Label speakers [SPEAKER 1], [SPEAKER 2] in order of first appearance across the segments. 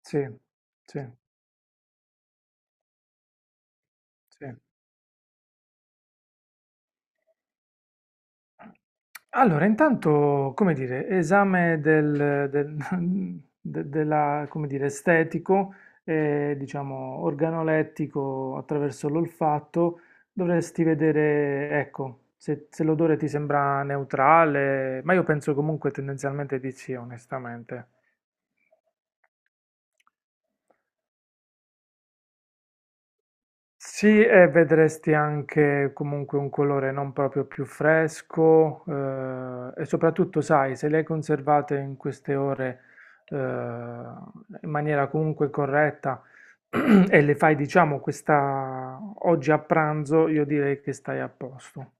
[SPEAKER 1] Sì, sì, sì. Allora, intanto, come dire, esame del della, come dire, estetico e, diciamo, organolettico attraverso l'olfatto, dovresti vedere, ecco, se, se l'odore ti sembra neutrale, ma io penso comunque tendenzialmente di sì, onestamente. Sì, e vedresti anche comunque un colore non proprio più fresco e soprattutto, sai, se le hai conservate in queste ore in maniera comunque corretta e le fai, diciamo, questa oggi a pranzo, io direi che stai a posto.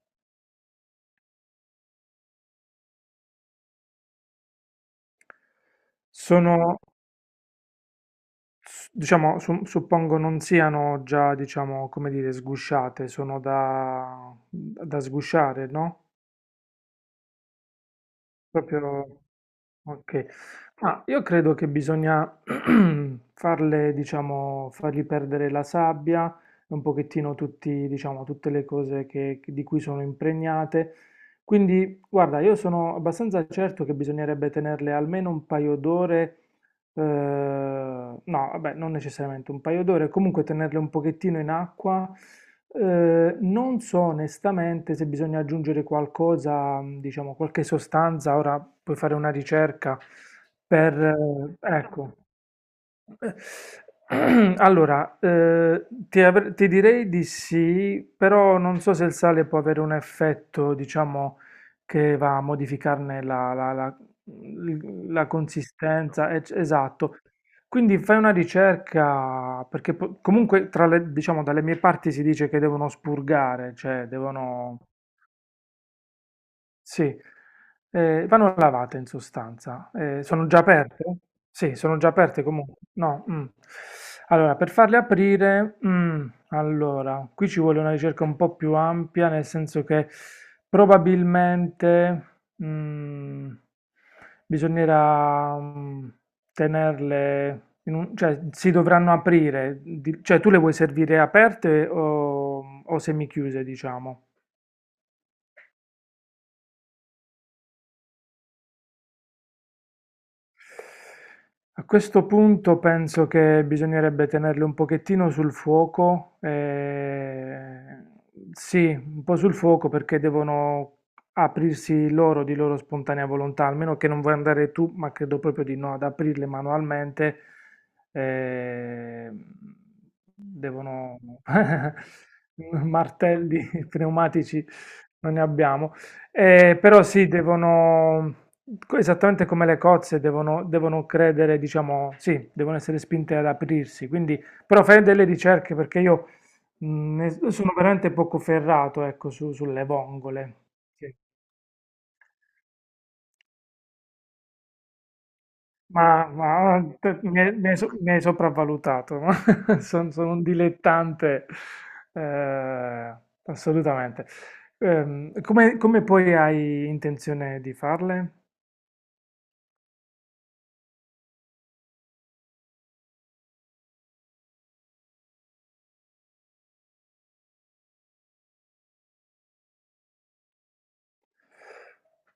[SPEAKER 1] Sono, diciamo, suppongo non siano già, diciamo, come dire, sgusciate, sono da, da sgusciare, no? Proprio... Ok, ma io credo che bisogna farle, diciamo, fargli perdere la sabbia, e un pochettino tutti, diciamo, tutte le cose di cui sono impregnate. Quindi, guarda, io sono abbastanza certo che bisognerebbe tenerle almeno un paio d'ore no, vabbè, non necessariamente un paio d'ore, comunque tenerle un pochettino in acqua. Non so onestamente se bisogna aggiungere qualcosa, diciamo qualche sostanza, ora puoi fare una ricerca per... ecco, eh, allora, ti, ti direi di sì, però non so se il sale può avere un effetto, diciamo, che va a modificarne la consistenza. Esatto. Quindi fai una ricerca, perché comunque diciamo, dalle mie parti si dice che devono spurgare, cioè devono... Sì, vanno lavate in sostanza. Sono già aperte? Sì, sono già aperte comunque? No. Allora, per farle aprire, allora, qui ci vuole una ricerca un po' più ampia, nel senso che probabilmente, mhmm, bisognerà, tenerle in un cioè si dovranno aprire, di cioè tu le vuoi servire aperte o semichiuse, diciamo? A questo punto penso che bisognerebbe tenerle un pochettino sul fuoco, sì, un po' sul fuoco perché devono aprirsi loro di loro spontanea volontà, almeno che non vuoi andare tu, ma credo proprio di no, ad aprirle manualmente, eh, devono martelli pneumatici, non ne abbiamo. Però sì, devono, esattamente come le cozze, devono, devono credere, diciamo, sì, devono essere spinte ad aprirsi. Quindi, però fai delle ricerche perché io sono veramente poco ferrato, ecco, sulle vongole. Sì. Ma, mi hai mi hai sopravvalutato. Sono un dilettante, eh, assolutamente. Come, come poi hai intenzione di farle?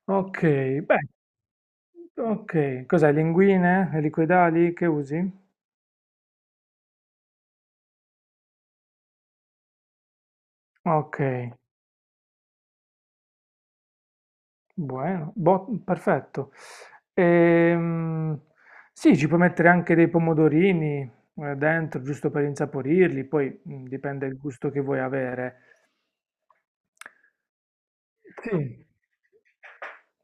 [SPEAKER 1] Ok, beh. Ok, cos'è? Linguine e liquidali che usi? Ok, buono, perfetto. Ehm, sì, ci puoi mettere anche dei pomodorini dentro, giusto per insaporirli, poi mm, dipende il gusto che vuoi avere. Sì.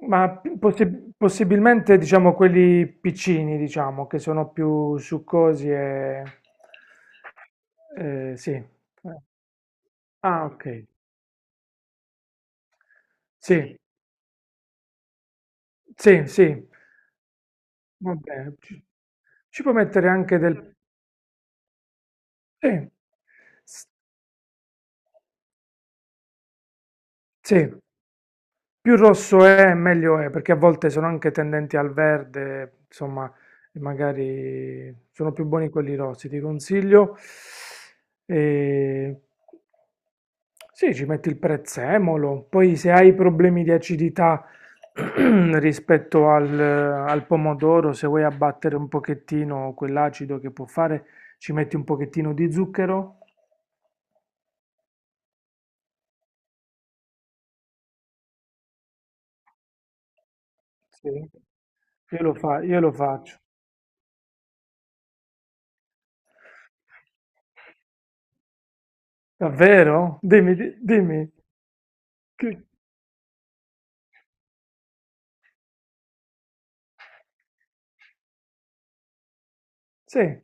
[SPEAKER 1] Ma possibilmente diciamo quelli piccini, diciamo, che sono più succosi e... sì. Ah ok, sì, sì, sì, va bene. Ci, ci puoi mettere anche del... Sì, s- sì, più rosso è, meglio è, perché a volte sono anche tendenti al verde, insomma, magari sono più buoni quelli rossi, ti consiglio. E... sì, ci metti il prezzemolo, poi se hai problemi di acidità rispetto al, al pomodoro, se vuoi abbattere un pochettino quell'acido che può fare, ci metti un pochettino di zucchero. Sì. Io lo io lo faccio. Davvero? Dimmi, dimmi. Che- Sì.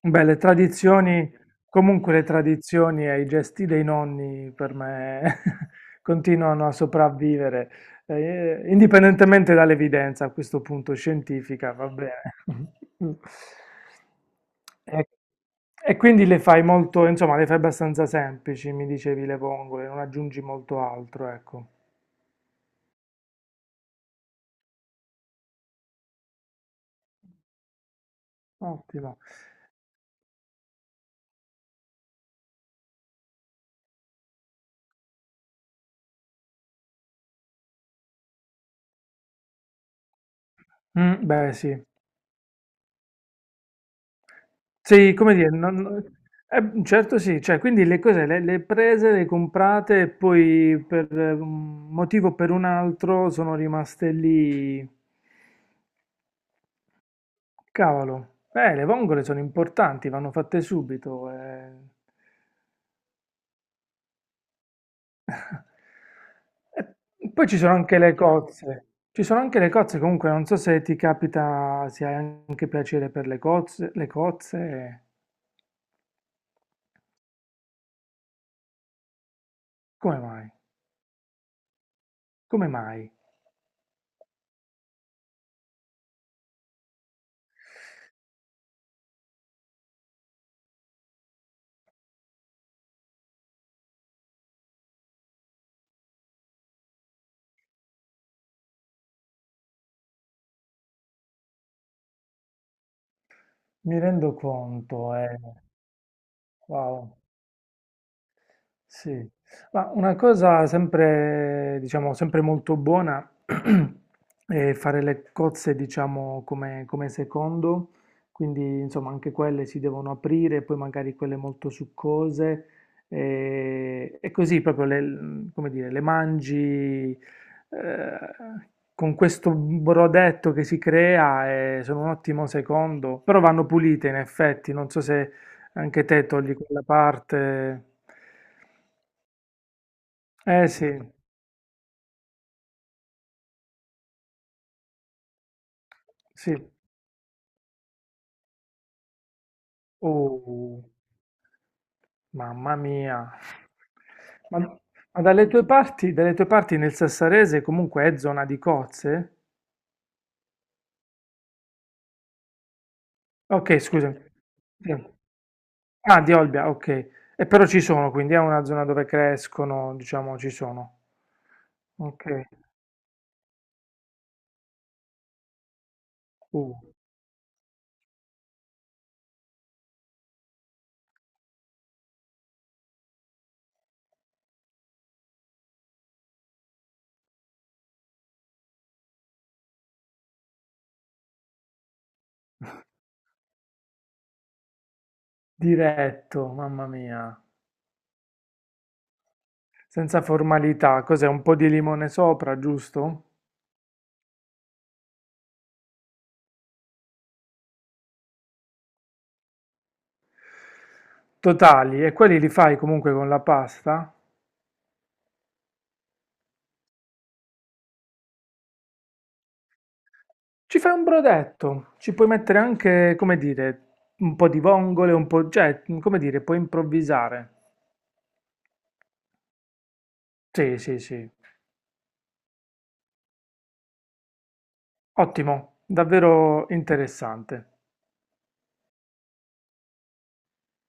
[SPEAKER 1] Beh, le tradizioni, comunque le tradizioni e i gesti dei nonni per me continuano a sopravvivere, indipendentemente dall'evidenza a questo punto scientifica, va bene. E, e quindi le fai molto, insomma, le fai abbastanza semplici, mi dicevi le vongole, non aggiungi molto altro, ecco. Ottimo. Mm, beh, sì. Sì, come dire, non- certo sì, cioè, quindi le cose le prese, le comprate e poi per un motivo o per un altro sono rimaste lì. Cavolo, le vongole sono importanti, vanno fatte subito. Eh. E poi ci sono anche le cozze. Ci sono anche le cozze, comunque non so se ti capita, se hai anche piacere per le cozze, come mai? Come mai? Mi rendo conto, eh. Wow. Sì, ma una cosa sempre, diciamo, sempre molto buona è fare le cozze, diciamo, come, come secondo, quindi insomma anche quelle si devono aprire, poi magari quelle molto succose e così proprio le, come dire, le mangi eh, con questo brodetto che si crea e sono un ottimo secondo, però vanno pulite in effetti, non so se anche te togli quella parte. Eh sì, sì. Oh, mamma mia. Ma dalle tue parti nel Sassarese comunque è zona di cozze? Ok, scusami. Sì. Ah, di Olbia, ok. E però ci sono, quindi è una zona dove crescono, diciamo, ci sono. Ok. Uh, diretto, mamma mia. Senza formalità, cos'è? Un po' di limone sopra, giusto? Totali, e quelli li fai comunque con la pasta? Ci fai un brodetto, ci puoi mettere anche, come dire, un po' di vongole, un po', cioè, come dire, puoi improvvisare. Sì, sì, sì. Ottimo, davvero interessante.